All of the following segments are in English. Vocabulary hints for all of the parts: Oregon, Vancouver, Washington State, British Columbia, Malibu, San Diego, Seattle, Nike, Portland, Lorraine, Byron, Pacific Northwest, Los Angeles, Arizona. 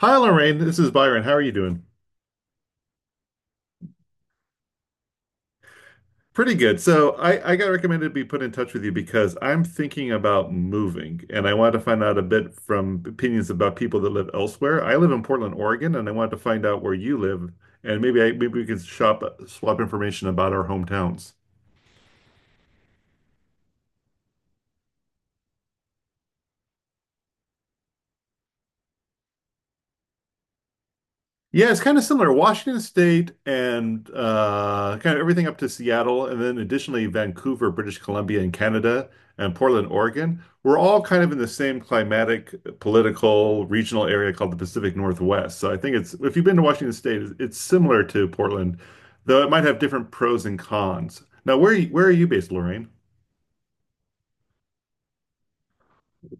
Hi, Lorraine. This is Byron. How are you doing? Pretty good. So I got recommended to be put in touch with you because I'm thinking about moving and I wanted to find out a bit from opinions about people that live elsewhere. I live in Portland, Oregon, and I wanted to find out where you live and maybe we can shop swap information about our hometowns. Yeah, it's kind of similar. Washington State and kind of everything up to Seattle, and then additionally Vancouver, British Columbia, and Canada, and Portland, Oregon. We're all kind of in the same climatic, political, regional area called the Pacific Northwest. So I think it's if you've been to Washington State, it's similar to Portland, though it might have different pros and cons. Now, where are you based, Lorraine?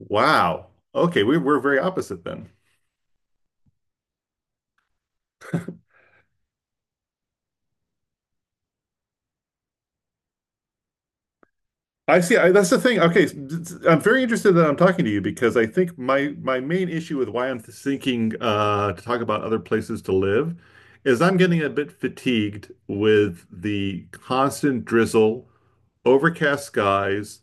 Wow. Okay, we're very opposite then. I see. That's the thing. Okay, I'm very interested that I'm talking to you because I think my main issue with why I'm thinking to talk about other places to live is I'm getting a bit fatigued with the constant drizzle, overcast skies,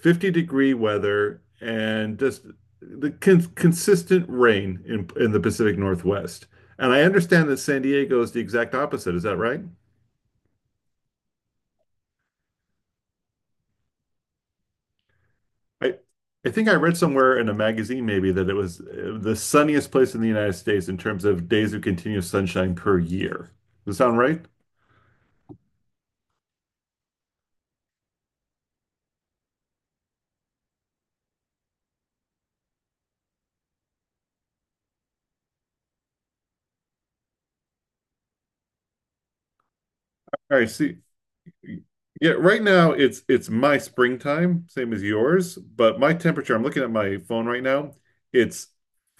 50-degree weather, and just the consistent rain in the Pacific Northwest. And I understand that San Diego is the exact opposite. Is that right? I I think I read somewhere in a magazine maybe that it was the sunniest place in the United States in terms of days of continuous sunshine per year. Does that sound right? All right, see, yeah, right now it's my springtime, same as yours, but my temperature, I'm looking at my phone right now, it's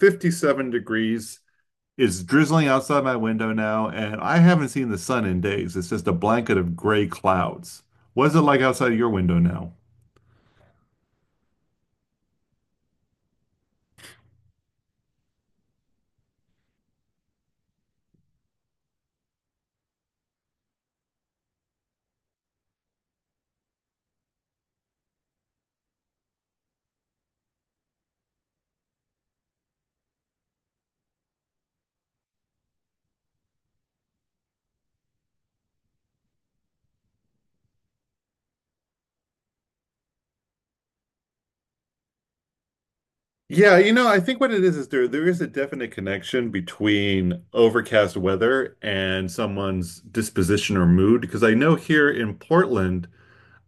57 degrees. It's drizzling outside my window now, and I haven't seen the sun in days. It's just a blanket of gray clouds. What is it like outside your window now? Yeah, I think what it is there is a definite connection between overcast weather and someone's disposition or mood. Because I know here in Portland,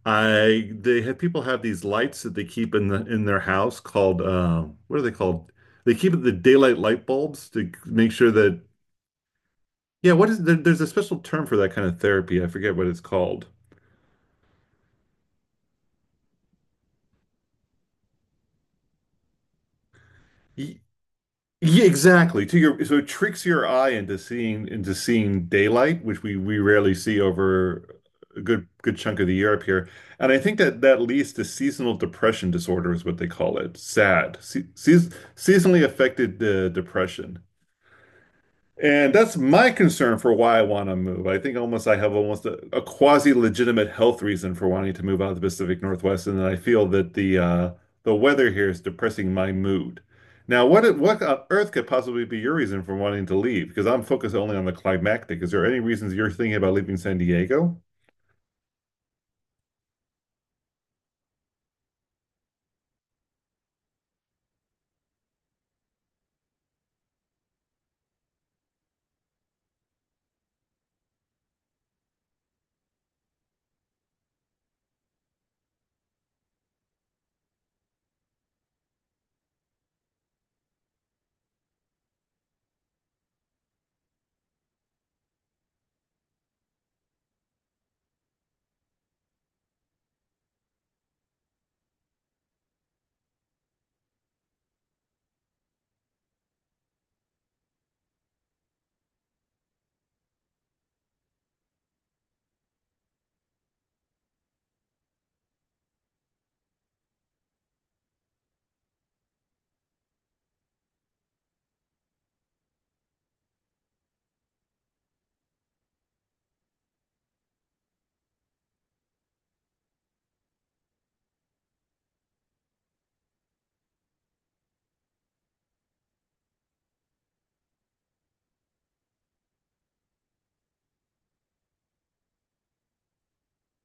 I they have people have these lights that they keep in their house called what are they called? They keep the daylight light bulbs to make sure that. Yeah, there's a special term for that kind of therapy. I forget what it's called. Yeah, exactly. To your so it tricks your eye into seeing daylight, which we rarely see over a good chunk of the year up here. And I think that that leads to seasonal depression disorder is what they call it. SAD, se seas seasonally affected depression. And that's my concern for why I want to move. I think almost I have almost a quasi-legitimate health reason for wanting to move out of the Pacific Northwest, and I feel that the weather here is depressing my mood. Now, what on earth could possibly be your reason for wanting to leave? Because I'm focused only on the climactic. Is there any reasons you're thinking about leaving San Diego?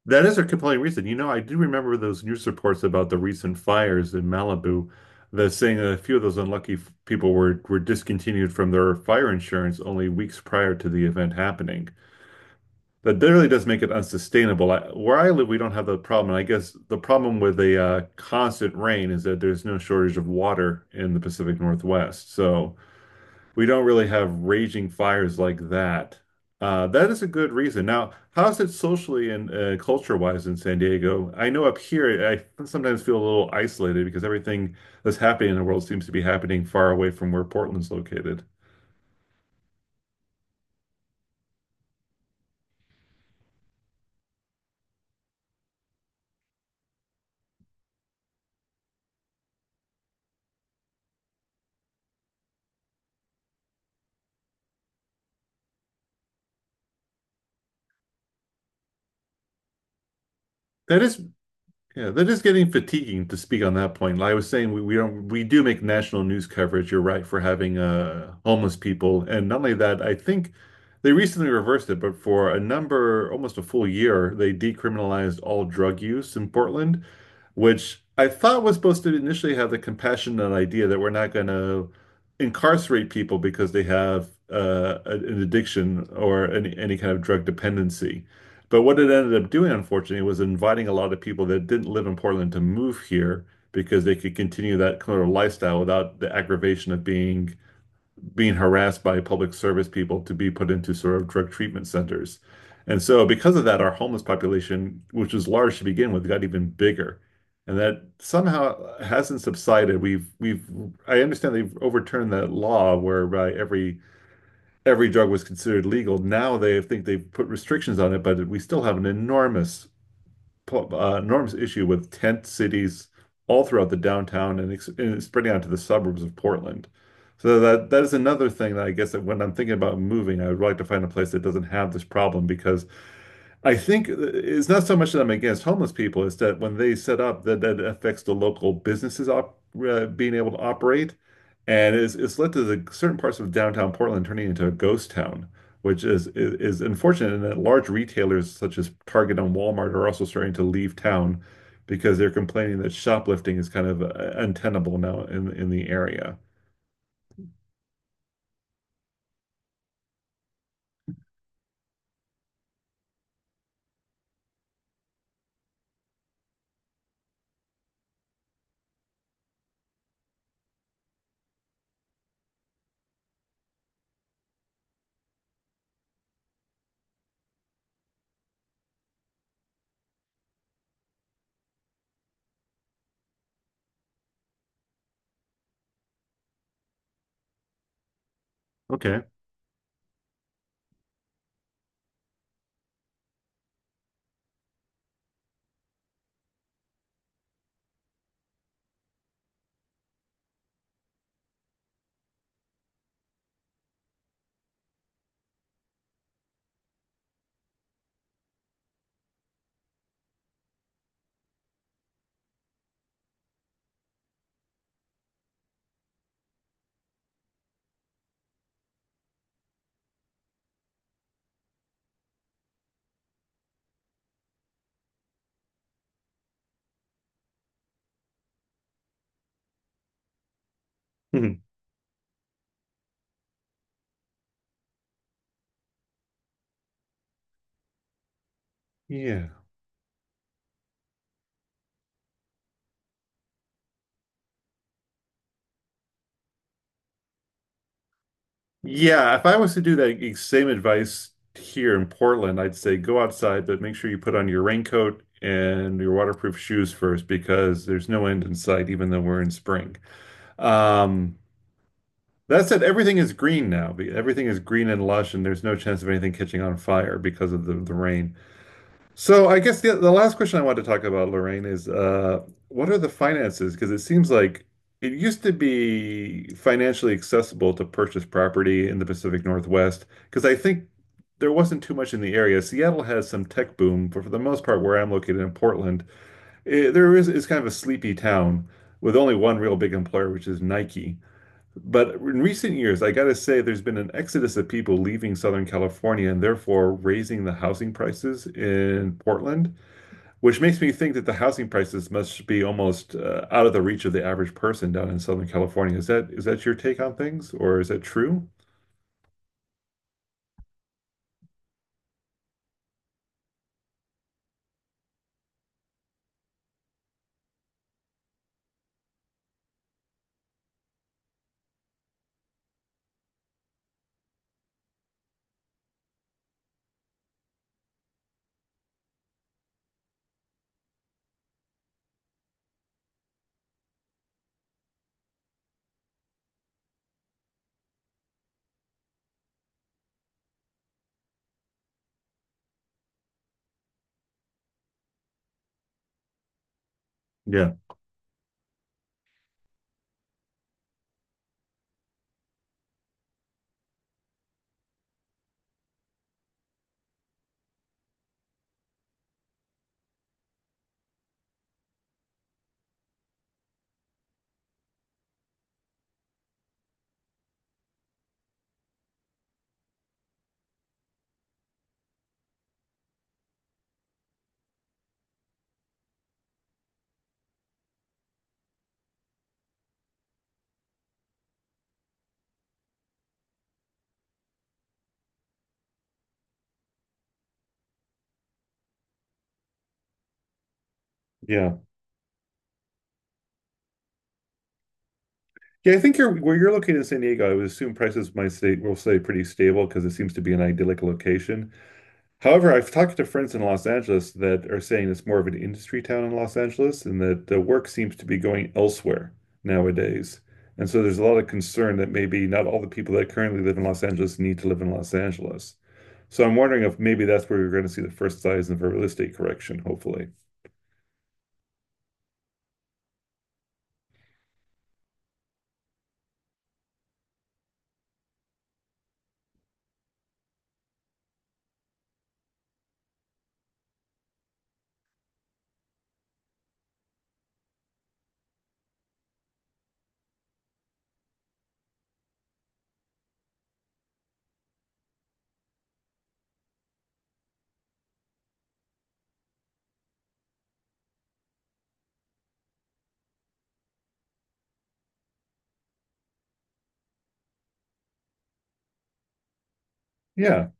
That is a compelling reason. You know, I do remember those news reports about the recent fires in Malibu, the saying that a few of those unlucky people were discontinued from their fire insurance only weeks prior to the event happening. That really does make it unsustainable. Where I live, we don't have the problem. And I guess the problem with the constant rain is that there's no shortage of water in the Pacific Northwest. So we don't really have raging fires like that. That is a good reason. Now, how's it socially and culture-wise in San Diego? I know up here, I sometimes feel a little isolated because everything that's happening in the world seems to be happening far away from where Portland's located. That is Yeah, that is getting fatiguing to speak on that point. Like I was saying, we don't we do make national news coverage, you're right, for having homeless people. And not only that, I think they recently reversed it, but for a number, almost a full year, they decriminalized all drug use in Portland, which I thought was supposed to initially have the compassionate idea that we're not going to incarcerate people because they have an addiction or any kind of drug dependency. But what it ended up doing, unfortunately, was inviting a lot of people that didn't live in Portland to move here because they could continue that kind of lifestyle without the aggravation of being harassed by public service people to be put into sort of drug treatment centers. And so because of that, our homeless population, which was large to begin with, got even bigger. And that somehow hasn't subsided. We've I understand they've overturned that law whereby every drug was considered legal. Now they think they've put restrictions on it, but we still have an enormous, enormous issue with tent cities all throughout the downtown and spreading out to the suburbs of Portland. So that is another thing that I guess that when I'm thinking about moving, I would like to find a place that doesn't have this problem because I think it's not so much that I'm against homeless people, it's that when they set up, that that affects the local businesses op being able to operate, and it's led to the certain parts of downtown Portland turning into a ghost town, which is unfortunate. And that large retailers such as Target and Walmart are also starting to leave town because they're complaining that shoplifting is kind of untenable now in the area. Okay. Mhm. Yeah. Yeah. If I was to do that same advice here in Portland, I'd say go outside, but make sure you put on your raincoat and your waterproof shoes first because there's no end in sight, even though we're in spring. Um, that said, everything is green now. Everything is green and lush, and there's no chance of anything catching on fire because of the rain. So I guess the last question I want to talk about, Lorraine, is what are the finances? Because it seems like it used to be financially accessible to purchase property in the Pacific Northwest, because I think there wasn't too much in the area. Seattle has some tech boom, but for the most part, where I'm located in Portland, eh, there is it's kind of a sleepy town with only one real big employer, which is Nike. But in recent years, I gotta say, there's been an exodus of people leaving Southern California and therefore raising the housing prices in Portland, which makes me think that the housing prices must be almost out of the reach of the average person down in Southern California. Is that your take on things, or is that true? Yeah, yeah. Yeah, I think you're where you're located in San Diego, I would assume prices might stay will stay pretty stable because it seems to be an idyllic location. However, I've talked to friends in Los Angeles that are saying it's more of an industry town in Los Angeles and that the work seems to be going elsewhere nowadays. And so there's a lot of concern that maybe not all the people that currently live in Los Angeles need to live in Los Angeles. So I'm wondering if maybe that's where we're going to see the first signs of a real estate correction, hopefully. Yeah.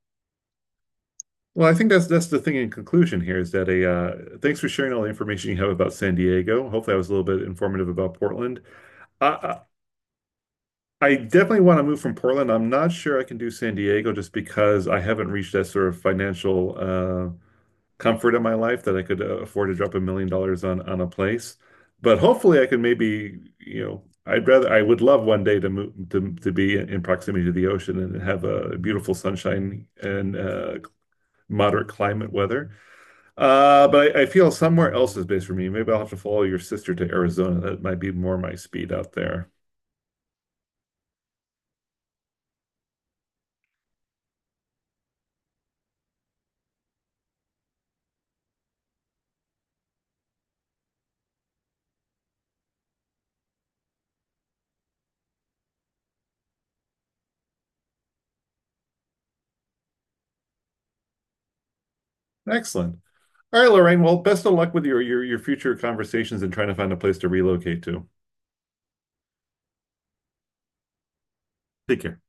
Well, I think that's the thing in conclusion here is that a thanks for sharing all the information you have about San Diego. Hopefully, I was a little bit informative about Portland. I, I I definitely want to move from Portland. I'm not sure I can do San Diego just because I haven't reached that sort of financial comfort in my life that I could afford to drop $1 million on a place. But hopefully, I can maybe I would love one day to move to be in proximity to the ocean and have a beautiful sunshine and moderate climate weather. But I feel somewhere else is based for me. Maybe I'll have to follow your sister to Arizona. That might be more my speed out there. Excellent. All right, Lorraine. Well, best of luck with your future conversations and trying to find a place to relocate to. Take care.